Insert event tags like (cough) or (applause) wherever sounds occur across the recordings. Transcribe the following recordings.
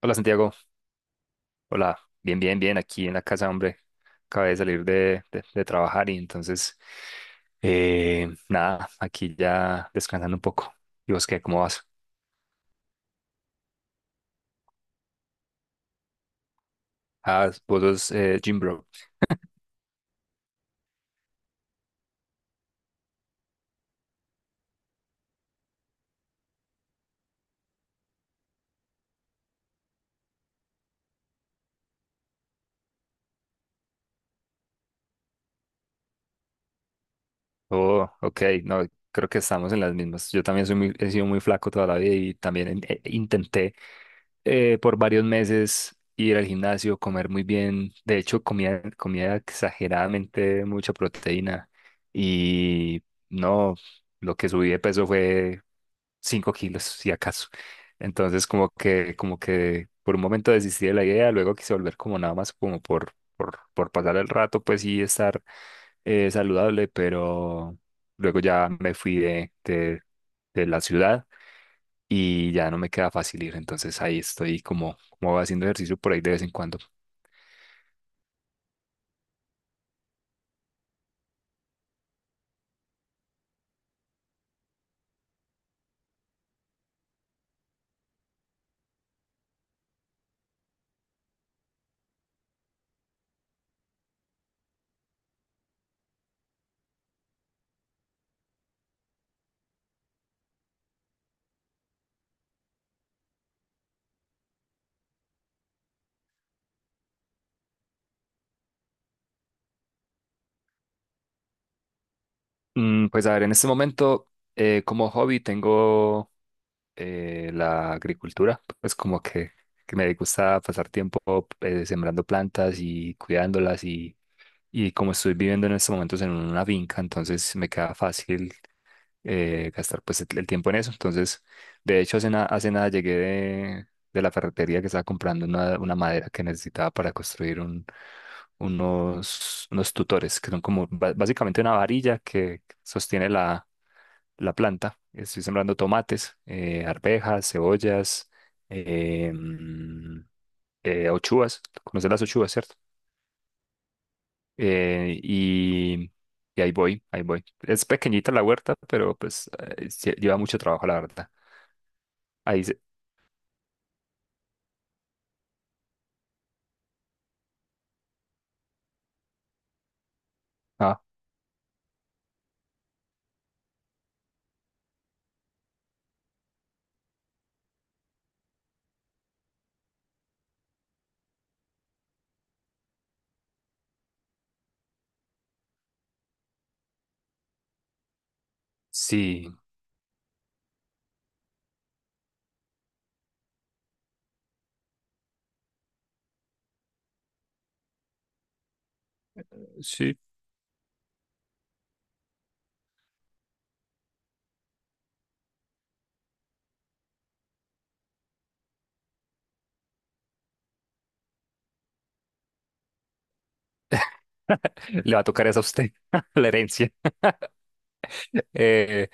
Hola Santiago, hola, bien, bien, bien, aquí en la casa, hombre, acabé de salir de trabajar y entonces, nada, aquí ya descansando un poco. ¿Y vos qué, cómo vas? Ah, vos sos gym bro. Oh, ok, no, creo que estamos en las mismas. Yo también soy he sido muy flaco toda la vida y también intenté por varios meses ir al gimnasio, comer muy bien. De hecho, comía exageradamente mucha proteína y no, lo que subí de peso fue 5 kilos, si acaso. Entonces, como que por un momento desistí de la idea, luego quise volver como nada más como por pasar el rato, pues sí, estar saludable, pero luego ya me fui de la ciudad y ya no me queda fácil ir. Entonces ahí estoy como, como haciendo ejercicio por ahí de vez en cuando. Pues a ver, en este momento como hobby tengo la agricultura, pues como que me gusta pasar tiempo sembrando plantas y cuidándolas y como estoy viviendo en estos momentos en una finca, entonces me queda fácil. Gastar pues el tiempo en eso. Entonces, de hecho, hace nada llegué de la ferretería que estaba comprando una madera que necesitaba para construir un, unos tutores, que son como básicamente una varilla que sostiene la, la planta. Estoy sembrando tomates, arvejas, cebollas, eh, mm, ochuas. ¿Conoces las ochuas, cierto? eh, y, y ahí voy, ahí voy. Es pequeñita la huerta, pero pues sí, lleva mucho trabajo, la verdad. Ahí se... Ah, sí, sí. Le va a tocar esa a usted, (laughs) la herencia. (laughs) Eh,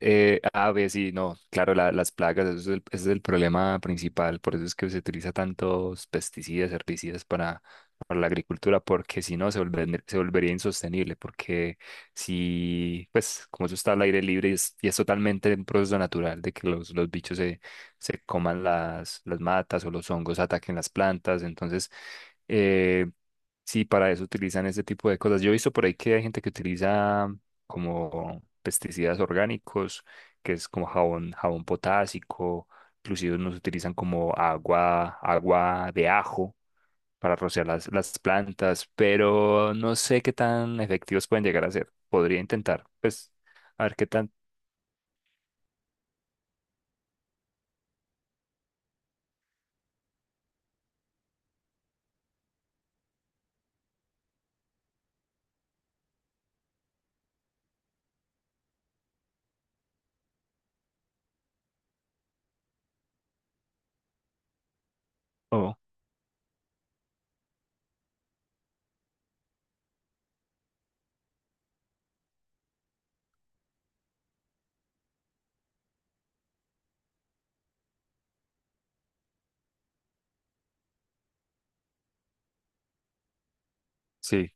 A ver, sí, no, claro, las plagas, eso es el, ese es el problema principal, por eso es que se utiliza tantos pesticidas, herbicidas para la agricultura, porque si no se se volvería insostenible, porque si, pues, como eso está al aire libre y es totalmente un proceso natural de que los bichos se, se coman las matas o los hongos ataquen las plantas, entonces, eh, sí, para eso utilizan ese tipo de cosas. Yo he visto por ahí que hay gente que utiliza como pesticidas orgánicos, que es como jabón, jabón potásico, inclusive nos utilizan como agua, agua de ajo para rociar las plantas, pero no sé qué tan efectivos pueden llegar a ser. Podría intentar, pues, a ver qué tan... Oh, sí,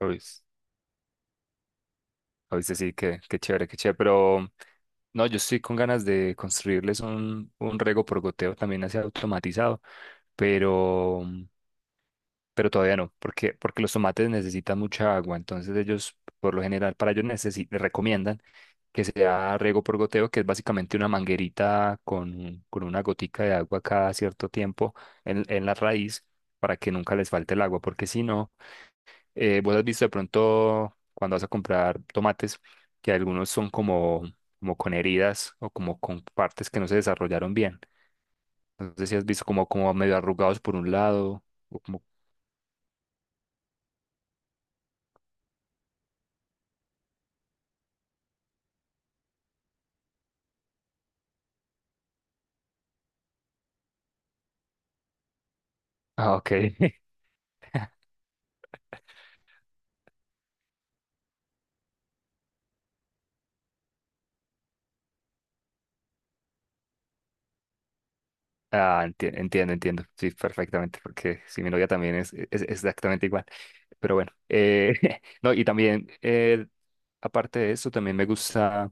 oís- oíste, sí, qué, qué chévere, pero... No, yo estoy con ganas de construirles un riego por goteo también así automatizado, pero pero todavía no, porque, porque los tomates necesitan mucha agua, entonces ellos, por lo general, para ellos recomiendan que sea riego por goteo, que es básicamente una manguerita con, con una gotica de agua cada cierto tiempo en la raíz para que nunca les falte el agua, porque si no, vos has visto de pronto cuando vas a comprar tomates, que algunos son como, como con heridas o como con partes que no se desarrollaron bien. Entonces, si has visto como, como medio arrugados por un lado, o como... Ah, ok. (laughs) Ah, entiendo, entiendo. Sí, perfectamente, porque si mi novia también es, es exactamente igual. Pero bueno, (laughs) no, y también, aparte de eso, también me gusta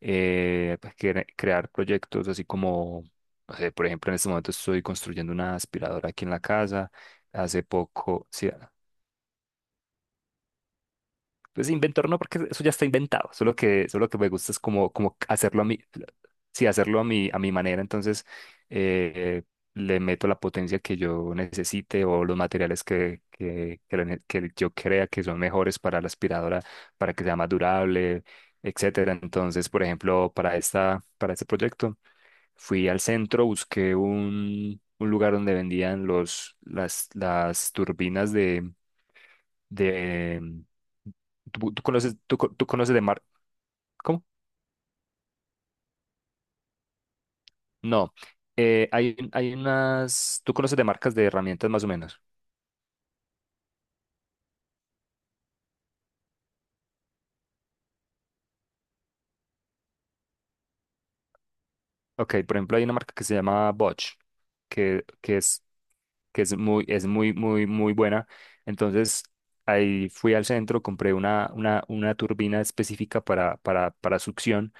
pues, crear proyectos así como, no sé, por ejemplo, en este momento estoy construyendo una aspiradora aquí en la casa. Hace poco, sí, pues inventor no, porque eso ya está inventado. Solo que me gusta es como, como hacerlo a mi, sí, hacerlo a mi manera. Entonces, eh, le meto la potencia que yo necesite o los materiales que la que yo crea que son mejores para la aspiradora, para que sea más durable, etcétera. Entonces, por ejemplo, para este proyecto, fui al centro, busqué un lugar donde vendían los, las turbinas de... ¿Tú, tú conoces, tú, tú conoces de mar... ¿Cómo? No. Hay unas... ¿Tú conoces de marcas de herramientas más o menos? Ok, por ejemplo, hay una marca que se llama Bosch, que, que es, que es muy, es muy buena. Entonces, ahí fui al centro, compré una, una turbina específica para succión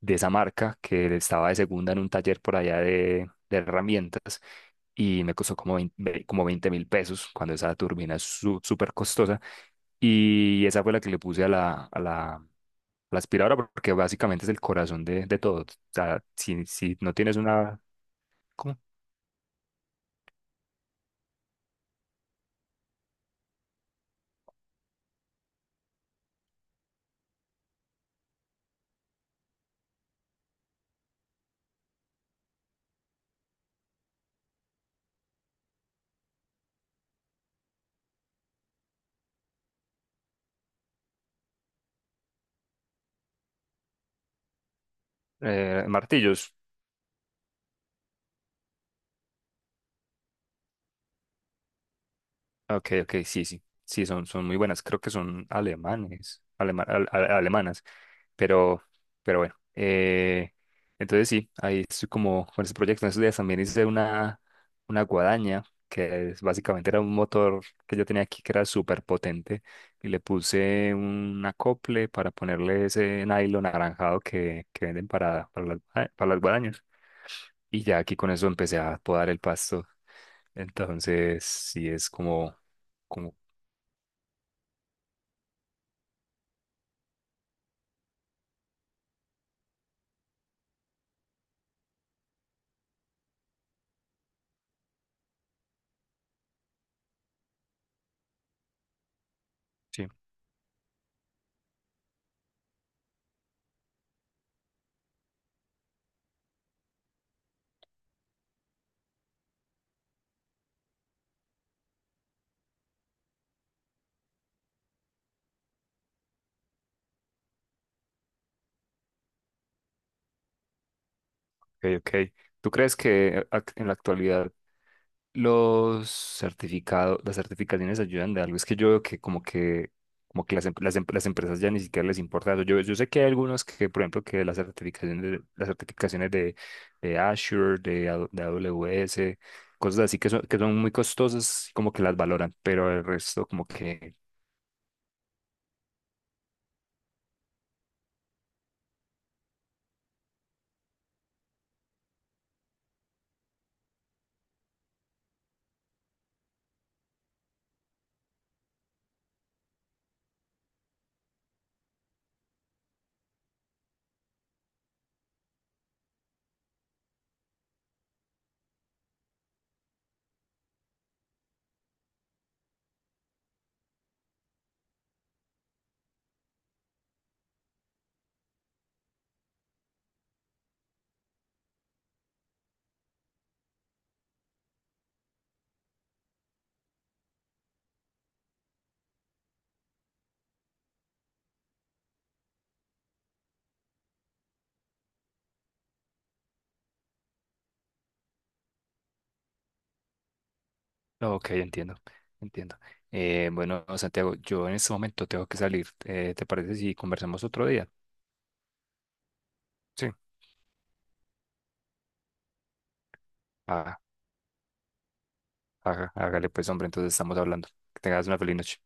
de esa marca que estaba de segunda en un taller por allá de herramientas y me costó como 20 como 20 mil pesos cuando esa turbina es súper costosa y esa fue la que le puse a la, a la, a la aspiradora porque básicamente es el corazón de todo. O sea, si, si no tienes una, ¿cómo? Martillos, ok, ok, sí, sí, sí, son, son muy buenas. Creo que son alemanes, alemanas, pero, pero bueno. Entonces sí, ahí estoy como con ese proyecto. En esos días también hice una guadaña, que es, básicamente era un motor que yo tenía aquí que era súper potente, y le puse un acople para ponerle ese nylon anaranjado que venden para las, ah, para las guadañas. Y ya aquí con eso empecé a podar el pasto. Entonces sí es como... como sí, ok, ok. ¿Tú crees que en la actualidad los certificados, las certificaciones ayudan de algo? Es que yo veo que como que, como que las, las, las empresas ya ni siquiera les importa eso. Yo sé que hay algunos que, por ejemplo, que las certificaciones, las certificaciones de Azure, de, de AWS, cosas así que son muy costosas, como que las valoran, pero el resto como que, no, ok, entiendo, entiendo. Bueno, Santiago, yo en este momento tengo que salir. ¿Te parece si conversamos otro día? Sí. Ah, hágale pues, hombre, entonces estamos hablando. Que tengas una feliz noche.